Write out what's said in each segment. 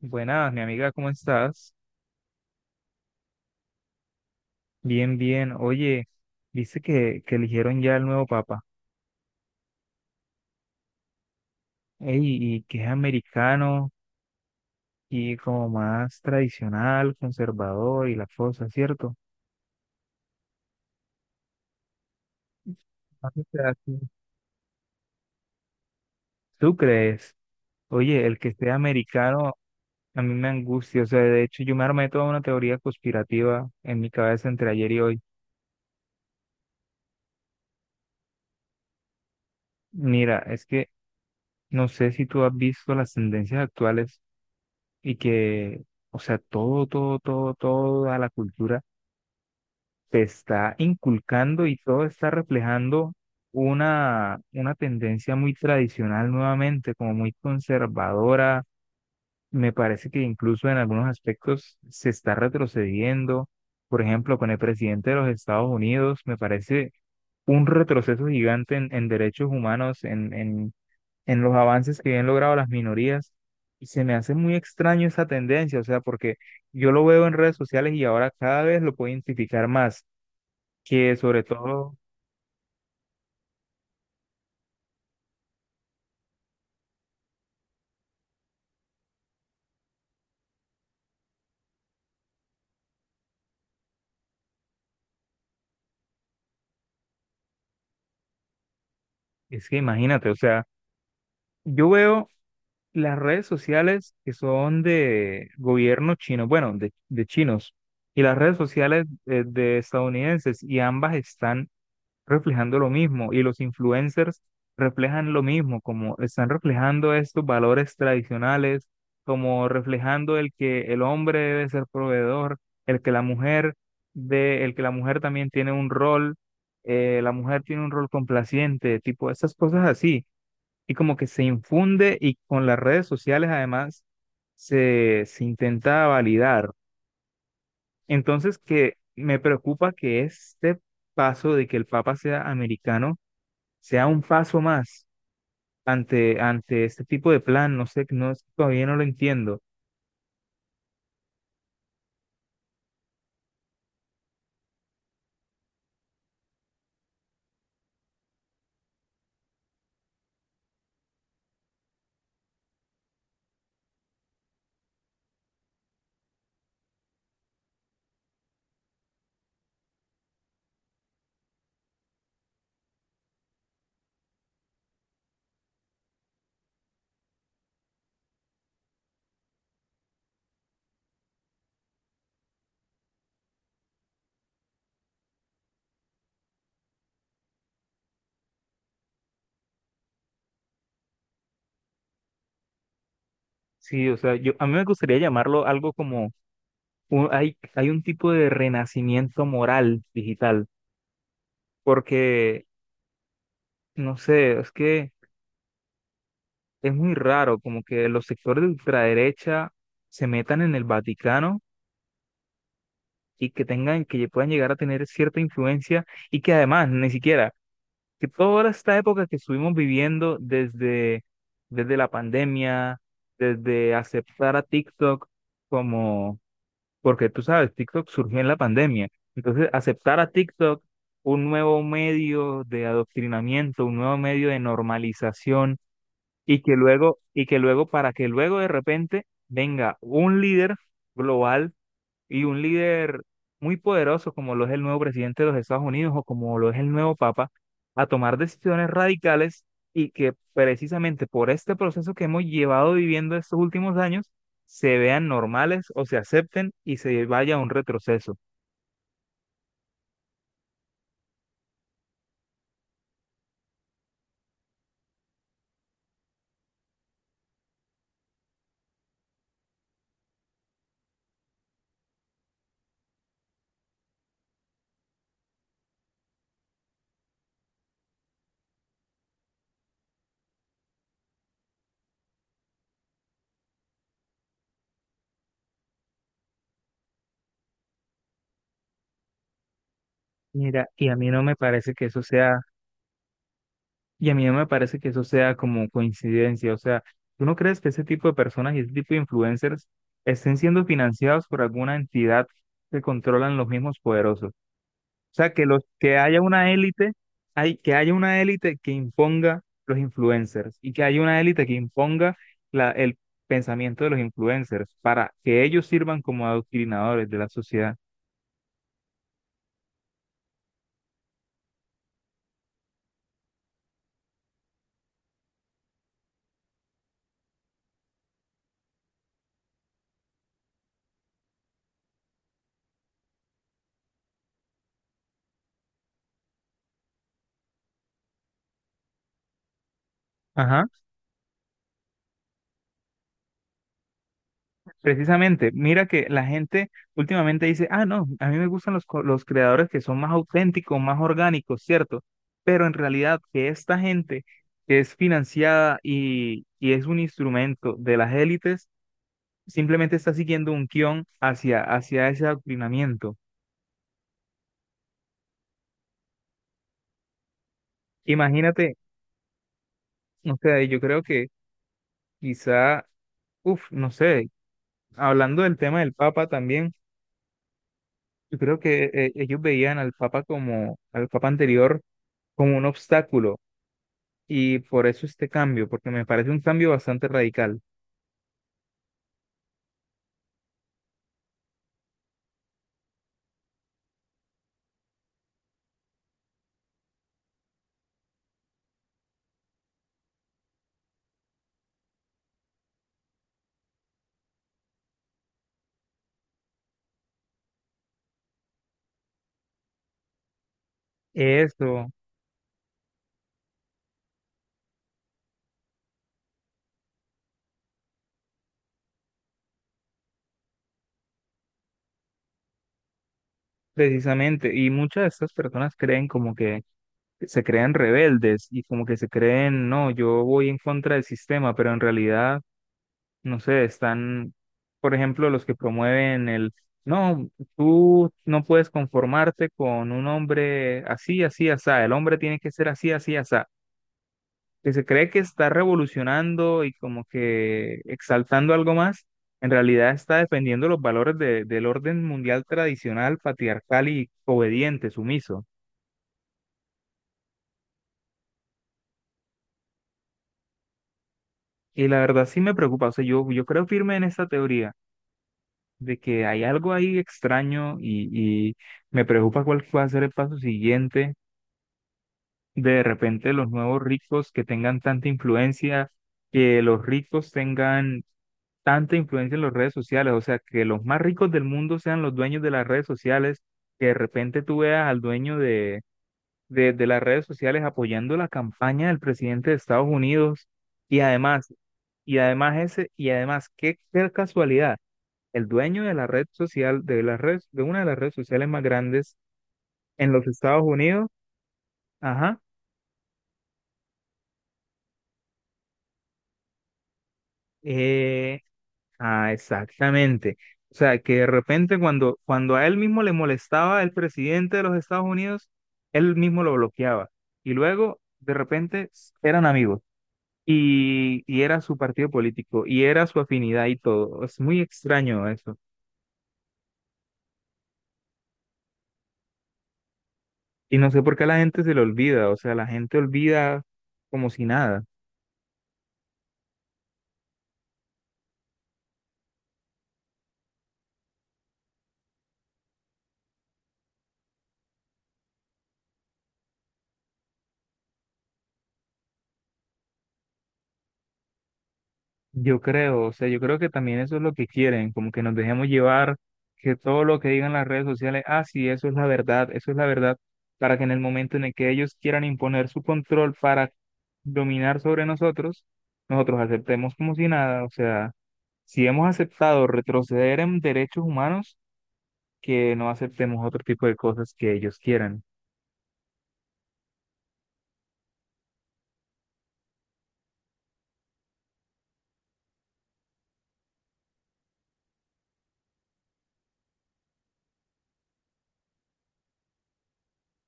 Buenas, mi amiga, ¿cómo estás? Bien, bien. Oye, dice que eligieron ya el nuevo papa. Ey, y que es americano y como más tradicional, conservador y las cosas, ¿cierto? Ah, o sea, sí. ¿Tú crees? Oye, el que esté americano a mí me angustia. O sea, de hecho, yo me armé toda una teoría conspirativa en mi cabeza entre ayer y hoy. Mira, es que no sé si tú has visto las tendencias actuales y que, o sea, toda la cultura te está inculcando y todo está reflejando una tendencia muy tradicional nuevamente, como muy conservadora. Me parece que incluso en algunos aspectos se está retrocediendo. Por ejemplo, con el presidente de los Estados Unidos, me parece un retroceso gigante en derechos humanos, en los avances que han logrado las minorías. Y se me hace muy extraño esa tendencia, o sea, porque yo lo veo en redes sociales y ahora cada vez lo puedo identificar más que sobre todo, es que imagínate, o sea, yo veo las redes sociales que son de gobierno chino, bueno, de chinos, y las redes sociales de estadounidenses, y ambas están reflejando lo mismo y los influencers reflejan lo mismo, como están reflejando estos valores tradicionales, como reflejando el que el hombre debe ser proveedor, el que la mujer el que la mujer también tiene un rol, la mujer tiene un rol complaciente, tipo esas cosas así, y como que se infunde y con las redes sociales además se intenta validar. Entonces que me preocupa que este paso de que el Papa sea americano sea un paso más ante este tipo de plan, no sé, no, es que todavía no lo entiendo. Sí, o sea, yo, a mí me gustaría llamarlo algo como, hay, hay un tipo de renacimiento moral digital, porque, no sé, es que es muy raro como que los sectores de ultraderecha se metan en el Vaticano y que tengan, que puedan llegar a tener cierta influencia y que además ni siquiera que toda esta época que estuvimos viviendo desde la pandemia, desde aceptar a TikTok como, porque tú sabes, TikTok surgió en la pandemia. Entonces, aceptar a TikTok, un nuevo medio de adoctrinamiento, un nuevo medio de normalización, y que luego, para que luego de repente venga un líder global y un líder muy poderoso como lo es el nuevo presidente de los Estados Unidos o como lo es el nuevo Papa, a tomar decisiones radicales y que precisamente por este proceso que hemos llevado viviendo estos últimos años, se vean normales o se acepten y se vaya a un retroceso. Mira, y a mí no me parece que eso sea, Y a mí no me parece que eso sea como coincidencia, o sea, ¿tú no crees que ese tipo de personas y ese tipo de influencers estén siendo financiados por alguna entidad que controlan los mismos poderosos? Sea, que los que haya una élite, hay que haya una élite que imponga los influencers y que haya una élite que imponga el pensamiento de los influencers para que ellos sirvan como adoctrinadores de la sociedad. Ajá. Precisamente, mira que la gente últimamente dice, ah, no, a mí me gustan los creadores que son más auténticos, más orgánicos, ¿cierto? Pero en realidad que esta gente que es financiada y es un instrumento de las élites, simplemente está siguiendo un guión hacia ese adoctrinamiento. Imagínate, o sea, yo creo que quizá, uff, no sé, hablando del tema del Papa también, yo creo que ellos veían al Papa como, al Papa anterior, como un obstáculo, y por eso este cambio, porque me parece un cambio bastante radical. Eso, precisamente, y muchas de estas personas creen como que se creen rebeldes y como que se creen, no, yo voy en contra del sistema, pero en realidad no sé, están, por ejemplo, los que promueven no, tú no puedes conformarte con un hombre así, así, asá, el hombre tiene que ser así, así, asá, que se cree que está revolucionando y como que exaltando algo más, en realidad está defendiendo los valores del orden mundial tradicional, patriarcal y obediente, sumiso. Y la verdad sí me preocupa, o sea, yo creo firme en esta teoría. De que hay algo ahí extraño y me preocupa cuál va a ser el paso siguiente de repente los nuevos ricos que tengan tanta influencia, que los ricos tengan tanta influencia en las redes sociales, o sea, que los más ricos del mundo sean los dueños de las redes sociales, que de repente tú veas al dueño de las redes sociales apoyando la campaña del presidente de Estados Unidos y además, y además, qué qué casualidad el dueño de la red social, de una de las redes sociales más grandes en los Estados Unidos, ajá, eh, exactamente. O sea, que de repente cuando a él mismo le molestaba el presidente de los Estados Unidos, él mismo lo bloqueaba. Y luego, de repente, eran amigos. Y era su partido político, y era su afinidad y todo. Es muy extraño eso. Y no sé por qué la gente se lo olvida, o sea, la gente olvida como si nada. Yo creo, o sea, yo creo que también eso es lo que quieren, como que nos dejemos llevar, que todo lo que digan las redes sociales, ah, sí, eso es la verdad, eso es la verdad, para que en el momento en el que ellos quieran imponer su control para dominar sobre nosotros, nosotros aceptemos como si nada, o sea, si hemos aceptado retroceder en derechos humanos, que no aceptemos otro tipo de cosas que ellos quieran.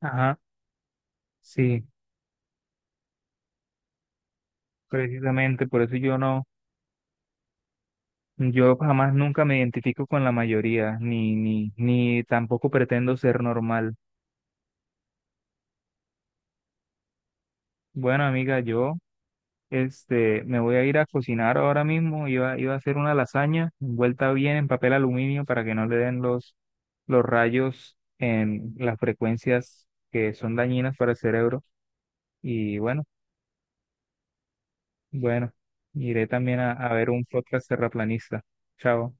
Ajá, sí, precisamente, por eso yo no. Yo jamás nunca me identifico con la mayoría, ni tampoco pretendo ser normal. Bueno, amiga, me voy a ir a cocinar ahora mismo. Iba a hacer una lasaña envuelta bien en papel aluminio para que no le den los rayos en las frecuencias que son dañinas para el cerebro. Y bueno, bueno, iré también a ver un podcast terraplanista. Chao.